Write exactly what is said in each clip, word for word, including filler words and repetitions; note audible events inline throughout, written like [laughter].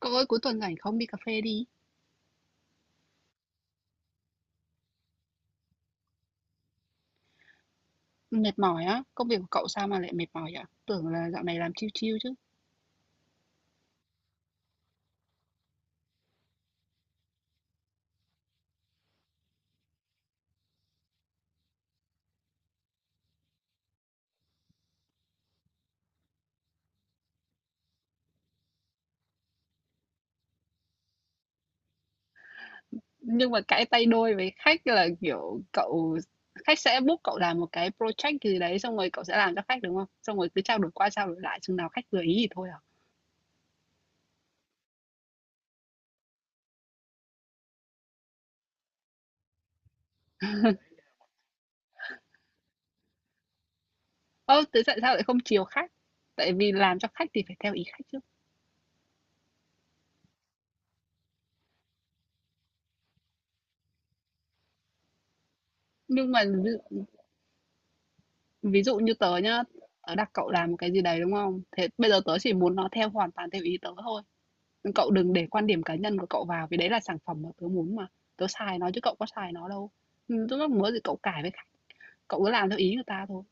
Cậu ơi, cuối tuần rảnh không? Đi cà phê đi. Mệt mỏi á, công việc của cậu sao mà lại mệt mỏi vậy? Tưởng là dạo này làm chill chill chứ. Nhưng mà cãi tay đôi với khách là kiểu cậu khách sẽ book cậu làm một cái project gì đấy xong rồi cậu sẽ làm cho khách đúng không? Xong rồi cứ trao đổi qua trao đổi lại chừng nào khách vừa ý thì thôi à. Ơ, thế tại sao lại không chiều khách? Tại vì làm cho khách thì phải theo ý khách chứ. Nhưng mà ví dụ, ví dụ như tớ nhá, tớ đặt cậu làm một cái gì đấy đúng không? Thế bây giờ tớ chỉ muốn nó theo hoàn toàn theo ý tớ thôi. Cậu đừng để quan điểm cá nhân của cậu vào, vì đấy là sản phẩm mà tớ muốn mà. Tớ xài nó chứ cậu có xài nó đâu. Ừm, lúc muốn thì cậu cải với khách, cậu cứ làm theo ý người ta thôi.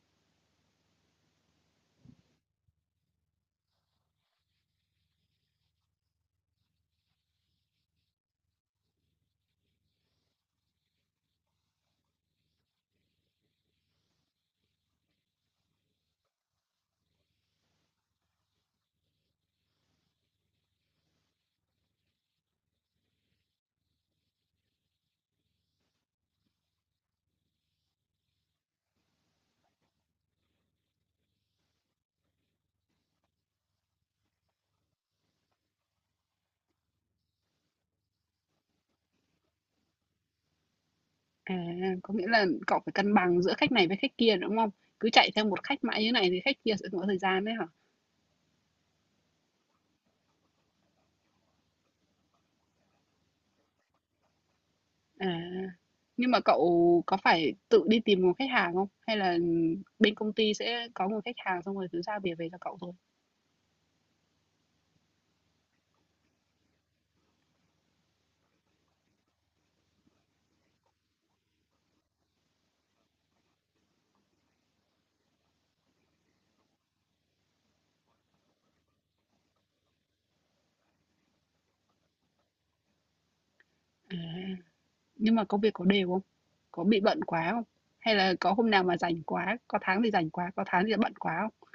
À, có nghĩa là cậu phải cân bằng giữa khách này với khách kia, đúng không? Cứ chạy theo một khách mãi như này thì khách kia sẽ không có thời gian đấy hả? À, nhưng mà cậu có phải tự đi tìm một khách hàng không? Hay là bên công ty sẽ có một khách hàng xong rồi cứ giao việc về cho cậu thôi? À. Nhưng mà công việc có đều không? Có bị bận quá không? Hay là có hôm nào mà rảnh quá, có tháng thì rảnh quá, có tháng thì bận quá không?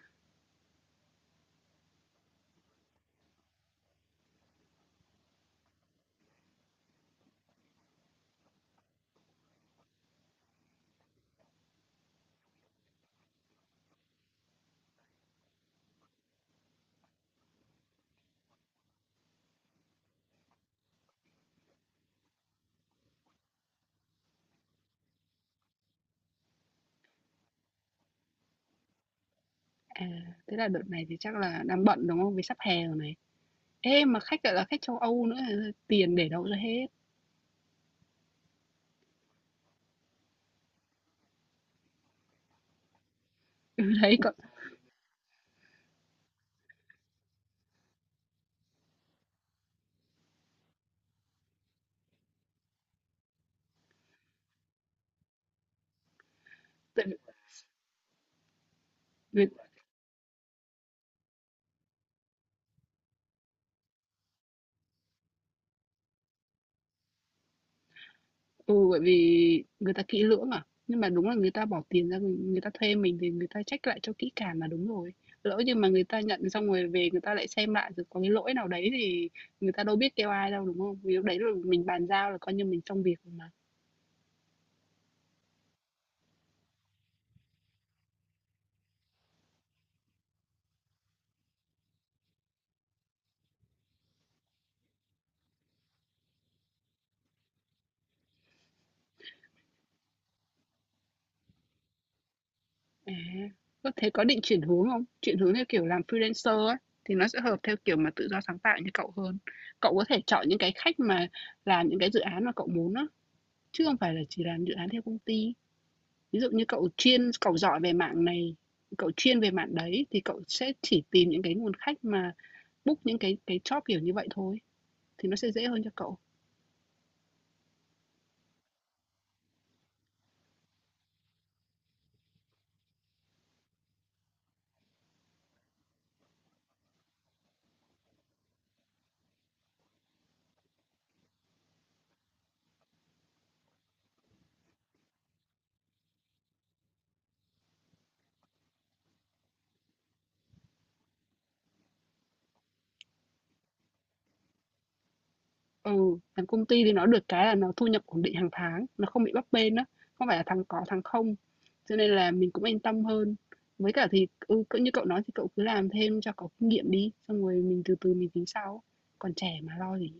À, Thế là đợt này thì chắc là đang bận, đúng không? Vì sắp hè rồi này. Ê, mà khách lại là khách châu Âu nữa, tiền để đâu ra hết? [laughs] Ừ, đấy, còn tại vì Ừ, bởi vì người ta kỹ lưỡng à. Nhưng mà đúng là người ta bỏ tiền ra, người, người ta thuê mình thì người ta check lại cho kỹ càng là đúng rồi. Lỡ như mà người ta nhận xong rồi về người ta lại xem lại rồi có cái lỗi nào đấy thì người ta đâu biết kêu ai đâu đúng không? Vì lúc đấy là mình bàn giao là coi như mình xong việc rồi mà. À, có thế có định chuyển hướng không? Chuyển hướng theo kiểu làm freelancer ấy thì nó sẽ hợp theo kiểu mà tự do sáng tạo như cậu hơn. Cậu có thể chọn những cái khách mà làm những cái dự án mà cậu muốn á, chứ không phải là chỉ làm dự án theo công ty. Ví dụ như cậu chuyên cậu giỏi về mạng này, cậu chuyên về mạng đấy thì cậu sẽ chỉ tìm những cái nguồn khách mà book những cái cái job kiểu như vậy thôi, thì nó sẽ dễ hơn cho cậu. Ừ, làm công ty thì nó được cái là nó thu nhập ổn định hàng tháng, nó không bị bấp bênh đó, không phải là thằng có thằng không. Cho nên là mình cũng yên tâm hơn. Với cả thì ừ, cỡ như cậu nói thì cậu cứ làm thêm cho có kinh nghiệm đi, xong rồi mình từ từ mình tính sau. Còn trẻ mà lo gì.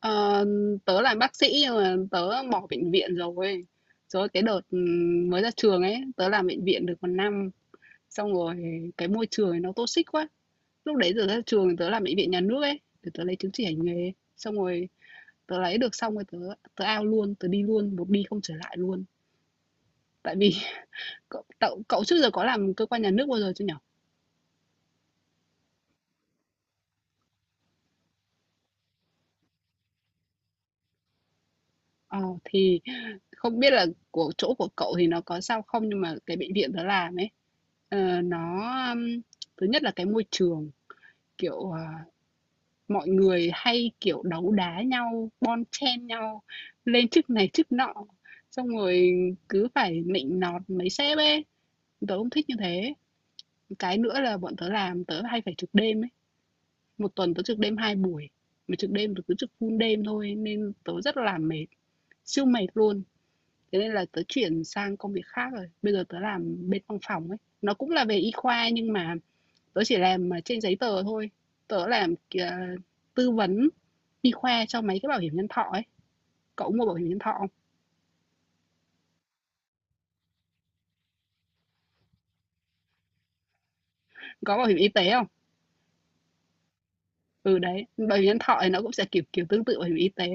Ờ, tớ là bác sĩ nhưng mà tớ bỏ bệnh viện rồi. Rồi cái đợt ừm, mới ra trường ấy, tớ làm bệnh viện được một năm, xong rồi cái môi trường ấy nó toxic quá. Lúc đấy giờ ra trường tớ làm bệnh viện nhà nước ấy, để tớ lấy chứng chỉ hành nghề. Xong rồi tớ lấy được xong rồi tớ tớ out luôn, tớ đi luôn, một đi không trở lại luôn. Tại vì [laughs] cậu, cậu, cậu trước giờ có làm cơ quan nhà nước bao giờ chưa nhở? Ờ thì không biết là của chỗ của cậu thì nó có sao không nhưng mà cái bệnh viện tớ làm ấy ờ, nó ừm, thứ nhất là cái môi trường. Kiểu, à, mọi người hay, kiểu, đấu đá nhau, bon chen nhau lên chức này chức nọ, xong rồi cứ phải nịnh nọt mấy sếp ấy, tớ không thích như thế. Cái nữa là bọn tớ làm tớ hay phải trực đêm ấy, một tuần tớ trực đêm hai buổi, mà trực đêm tớ cứ trực full đêm thôi nên tớ rất là mệt, siêu mệt luôn. Thế nên là tớ chuyển sang công việc khác rồi, bây giờ tớ làm bên văn phòng ấy, nó cũng là về y khoa nhưng mà tớ chỉ làm, à, trên giấy tờ thôi, tớ làm kìa tư vấn y khoa cho mấy cái bảo hiểm nhân thọ ấy. Cậu có mua bảo hiểm nhân thọ không? Có bảo hiểm y tế không? Ừ, đấy, bảo hiểm nhân thọ thì nó cũng sẽ kiểu kiểu tương tự bảo hiểm y tế,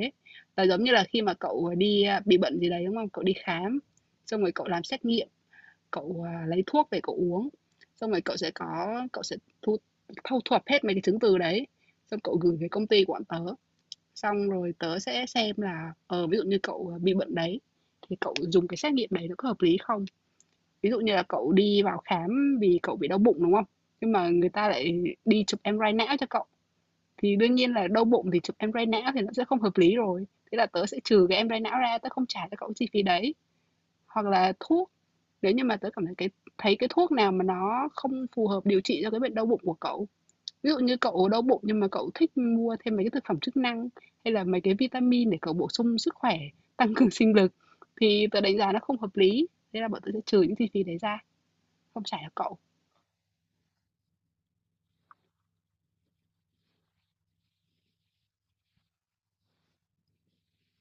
là giống như là khi mà cậu, à, đi, à, bị bệnh gì đấy, đúng không? Cậu đi khám, xong rồi cậu làm xét nghiệm, cậu, à, lấy thuốc về cậu uống, xong rồi cậu sẽ có cậu sẽ thu thâu thuật hết mấy cái chứng từ đấy, xong cậu gửi về công ty của bọn tớ. Xong rồi tớ sẽ xem là, ờ, ví dụ như cậu bị bệnh đấy, thì cậu dùng cái xét nghiệm đấy nó có hợp lý không? Ví dụ như là cậu đi vào khám vì cậu bị đau bụng, đúng không? Nhưng mà người ta lại đi chụp em MRI não cho cậu, thì đương nhiên là đau bụng thì chụp em MRI não thì nó sẽ không hợp lý rồi. Thế là tớ sẽ trừ cái em MRI não ra, tớ không trả cho cậu chi phí đấy. Hoặc là thuốc, nếu như mà tớ cảm thấy cái thấy cái thuốc nào mà nó không phù hợp điều trị cho cái bệnh đau bụng của cậu. Ví dụ như cậu đau bụng nhưng mà cậu thích mua thêm mấy cái thực phẩm chức năng, hay là mấy cái vitamin để cậu bổ sung sức khỏe, tăng cường sinh lực thì tớ đánh giá nó không hợp lý, thế là bọn tớ sẽ trừ những chi phí đấy ra, không trả cho cậu.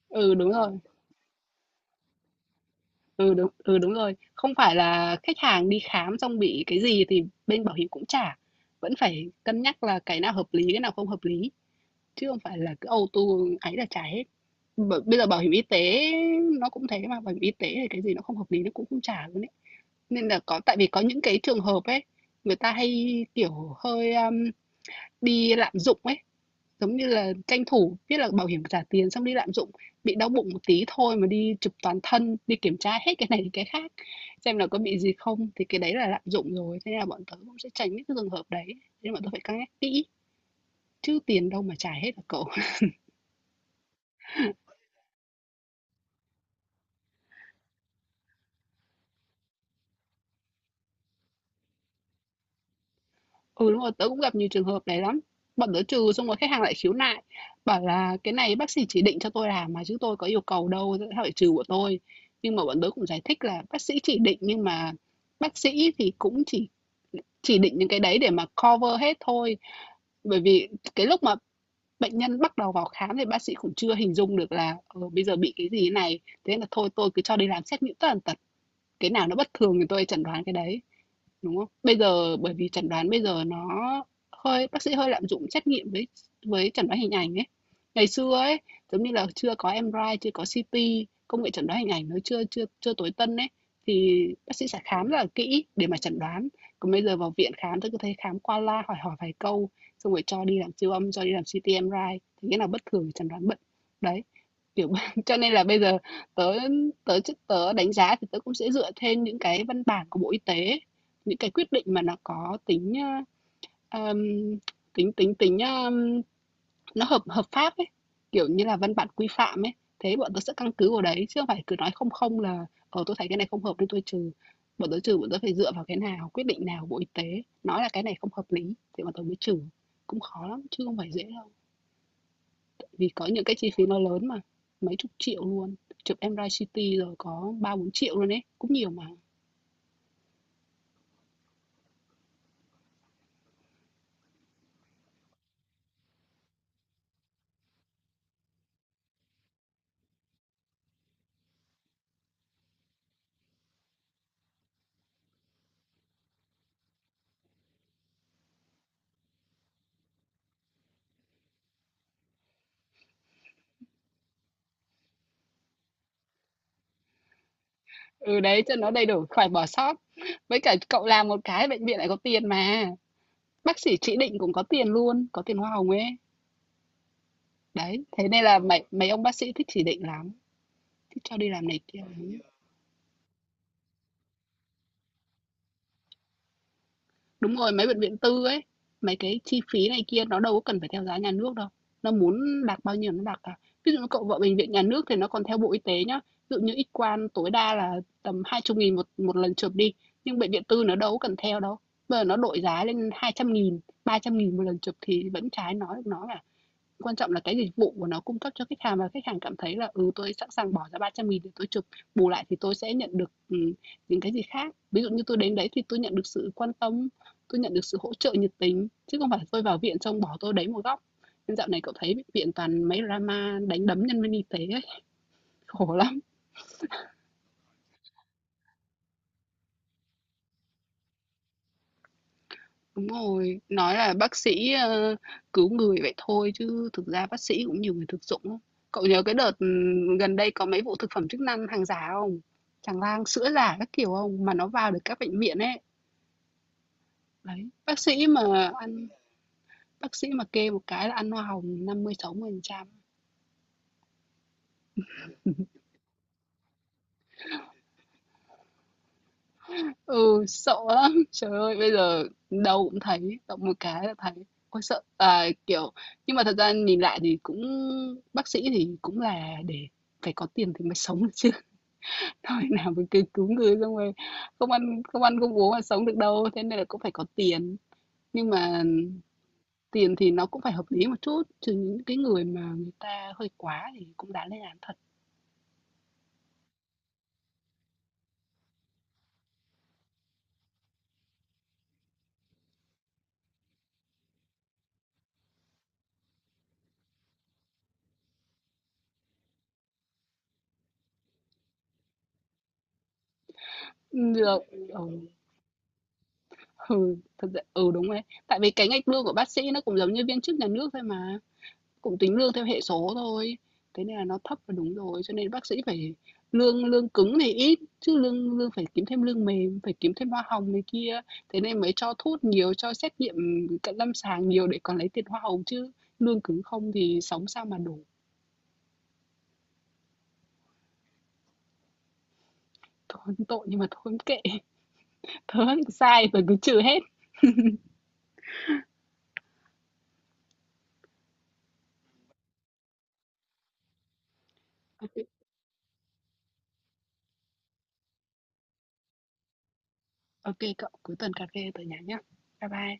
Ừ, đúng rồi. Ừ, đúng ừ, đúng rồi. Không phải là khách hàng đi khám xong bị cái gì thì bên bảo hiểm cũng trả. Vẫn phải cân nhắc là cái nào hợp lý, cái nào không hợp lý, chứ không phải là cứ auto ấy là trả hết. B bây giờ bảo hiểm y tế nó cũng thế mà, bảo hiểm y tế thì cái gì nó không hợp lý nó cũng không trả luôn ấy. Nên là có tại vì có những cái trường hợp ấy, người ta hay, kiểu, hơi, a, bị lạm dụng ấy, giống như là tranh thủ biết là bảo hiểm trả tiền xong đi lạm dụng, bị đau bụng một tí thôi mà đi chụp toàn thân, đi kiểm tra hết cái này đến cái khác xem là có bị gì không, thì cái đấy là lạm dụng rồi. Thế nên là bọn tớ cũng sẽ tránh những cái trường hợp đấy, nên bọn tớ phải cân nhắc kỹ, chứ tiền đâu mà trả hết hả cậu? Ừ, đúng rồi, tớ cũng gặp nhiều trường hợp này lắm. Bọn tớ trừ xong rồi khách hàng lại khiếu nại, bảo là "Cái này bác sĩ chỉ định cho tôi làm mà chứ tôi có yêu cầu đâu, tại sao phải trừ của tôi?" Nhưng mà bọn tớ cũng giải thích là bác sĩ chỉ định nhưng mà bác sĩ thì cũng chỉ chỉ định những cái đấy để mà cover hết thôi. Bởi vì cái lúc mà bệnh nhân bắt đầu vào khám thì bác sĩ cũng chưa hình dung được là, ờ, bây giờ bị cái gì thế này, thế là thôi tôi cứ cho đi làm xét nghiệm tất tần tật, cái nào nó bất thường thì tôi chẩn đoán cái đấy đúng không? Bây giờ bởi vì chẩn đoán bây giờ nó hơi bác sĩ hơi lạm dụng trách nhiệm với với chẩn đoán hình ảnh ấy. Ngày xưa ấy, giống như là chưa có em a rai, chưa có xi ti, công nghệ chẩn đoán hình ảnh nó chưa chưa chưa tối tân ấy thì bác sĩ sẽ khám rất là kỹ để mà chẩn đoán. Còn bây giờ vào viện khám tôi cứ thấy khám qua la hỏi hỏi vài câu xong rồi cho đi làm siêu âm, cho đi làm xê tê em rờ i thì cái nào bất thường thì chẩn đoán bệnh. Đấy. Kiểu [laughs] cho nên là bây giờ tớ tớ tớ đánh giá thì tớ cũng sẽ dựa trên những cái văn bản của Bộ Y tế, những cái quyết định mà nó có tính, ơ, tính tính tính, ờm, nó hợp hợp pháp ấy, kiểu như là văn bản quy phạm ấy. Thế bọn tôi sẽ căn cứ vào đấy chứ không phải cứ nói không không là: "Ờ, tôi thấy cái này không hợp nên tôi trừ." Bọn tôi trừ, bọn tôi phải dựa vào cái nào, quyết định nào của Bộ Y tế nói là cái này không hợp lý thì bọn tôi mới trừ, cũng khó lắm chứ không phải dễ đâu. Vì có những cái chi phí nó lớn mà, mấy chục triệu luôn, chụp em ơ ai, si ti rồi có ba triệu-bốn triệu luôn ấy, cũng nhiều mà. Ừ, đấy, cho nó đầy đủ, khỏi bỏ sót. Với cả cậu làm một cái bệnh viện lại có tiền mà. Bác sĩ chỉ định cũng có tiền luôn, có tiền hoa hồng ấy. Đấy, thế nên là mấy mấy ông bác sĩ thích chỉ định lắm, thích cho đi làm này kia. Đúng rồi, mấy bệnh viện tư ấy, mấy cái chi phí này kia nó đâu có cần phải theo giá nhà nước đâu. Nó muốn đạt bao nhiêu nó đạt cả. Ví dụ như cậu vợ bệnh viện nhà nước thì nó còn theo Bộ Y tế nhá. Ví dụ như X quang tối đa là tầm hai mươi nghìn một một lần chụp đi, nhưng bệnh viện tư nó đâu có cần theo đâu. Bây giờ nó đội giá lên hai trăm nghìn, ba trăm nghìn một lần chụp thì vẫn trái nói nó là. Quan trọng là cái dịch vụ của nó cung cấp cho khách hàng, và khách hàng cảm thấy là, ừ, tôi sẵn sàng bỏ ra ba trăm nghìn để tôi chụp, bù lại thì tôi sẽ nhận được, ừm, những cái gì khác. Ví dụ như tôi đến đấy thì tôi nhận được sự quan tâm, tôi nhận được sự hỗ trợ nhiệt tình, chứ không phải tôi vào viện xong bỏ tôi đấy một góc. Nên dạo này cậu thấy viện toàn mấy drama đánh đấm nhân viên y tế ấy, khổ lắm. Đúng rồi, nói là bác sĩ, ơ, cứu người vậy thôi chứ thực ra bác sĩ cũng nhiều người thực dụng lắm. Cậu nhớ cái đợt, ừm, gần đây có mấy vụ thực phẩm chức năng hàng giả không? Tràn lan sữa giả các kiểu không? Mà nó vào được các bệnh viện ấy. Đấy, bác sĩ mà ăn bác sĩ mà kê một cái là ăn hoa hồng năm mươi mươi sáu phần trăm. Ừ, sợ lắm. [laughs] Trời ơi, bây giờ đâu cũng thấy, động một cái là thấy. Ôi sợ, à, kiểu nhưng mà thật ra nhìn lại thì cũng bác sĩ thì cũng là để phải có tiền thì mới sống được chứ. Thôi [laughs] nào mà cứ cứu người xong rồi không ăn không ăn không uống mà sống được đâu, thế nên là cũng phải có tiền. Nhưng mà tiền thì nó cũng phải hợp lý một chút, chứ những cái người mà người ta hơi quá thì cũng đáng lên án thật. Được, ừ, ừ, thật ra ừ, đúng đấy. Tại vì cái ngạch lương của bác sĩ nó cũng giống như viên chức nhà nước thôi mà, cũng tính lương theo hệ số thôi. Thế nên là nó thấp là đúng rồi, cho nên bác sĩ phải lương lương cứng thì ít, chứ lương lương phải kiếm thêm lương mềm, phải kiếm thêm hoa hồng này kia, thế nên mới cho thuốc nhiều, cho xét nghiệm cận lâm sàng nhiều để còn lấy tiền hoa hồng chứ. Lương cứng không thì sống sao mà đủ. Thôi tội nhưng mà thôi kệ, [laughs] tớ sai tớ cứ trừ hết. Ok, ok cậu, cuối tuần cà phê tớ nhắn nhá. Bye bye.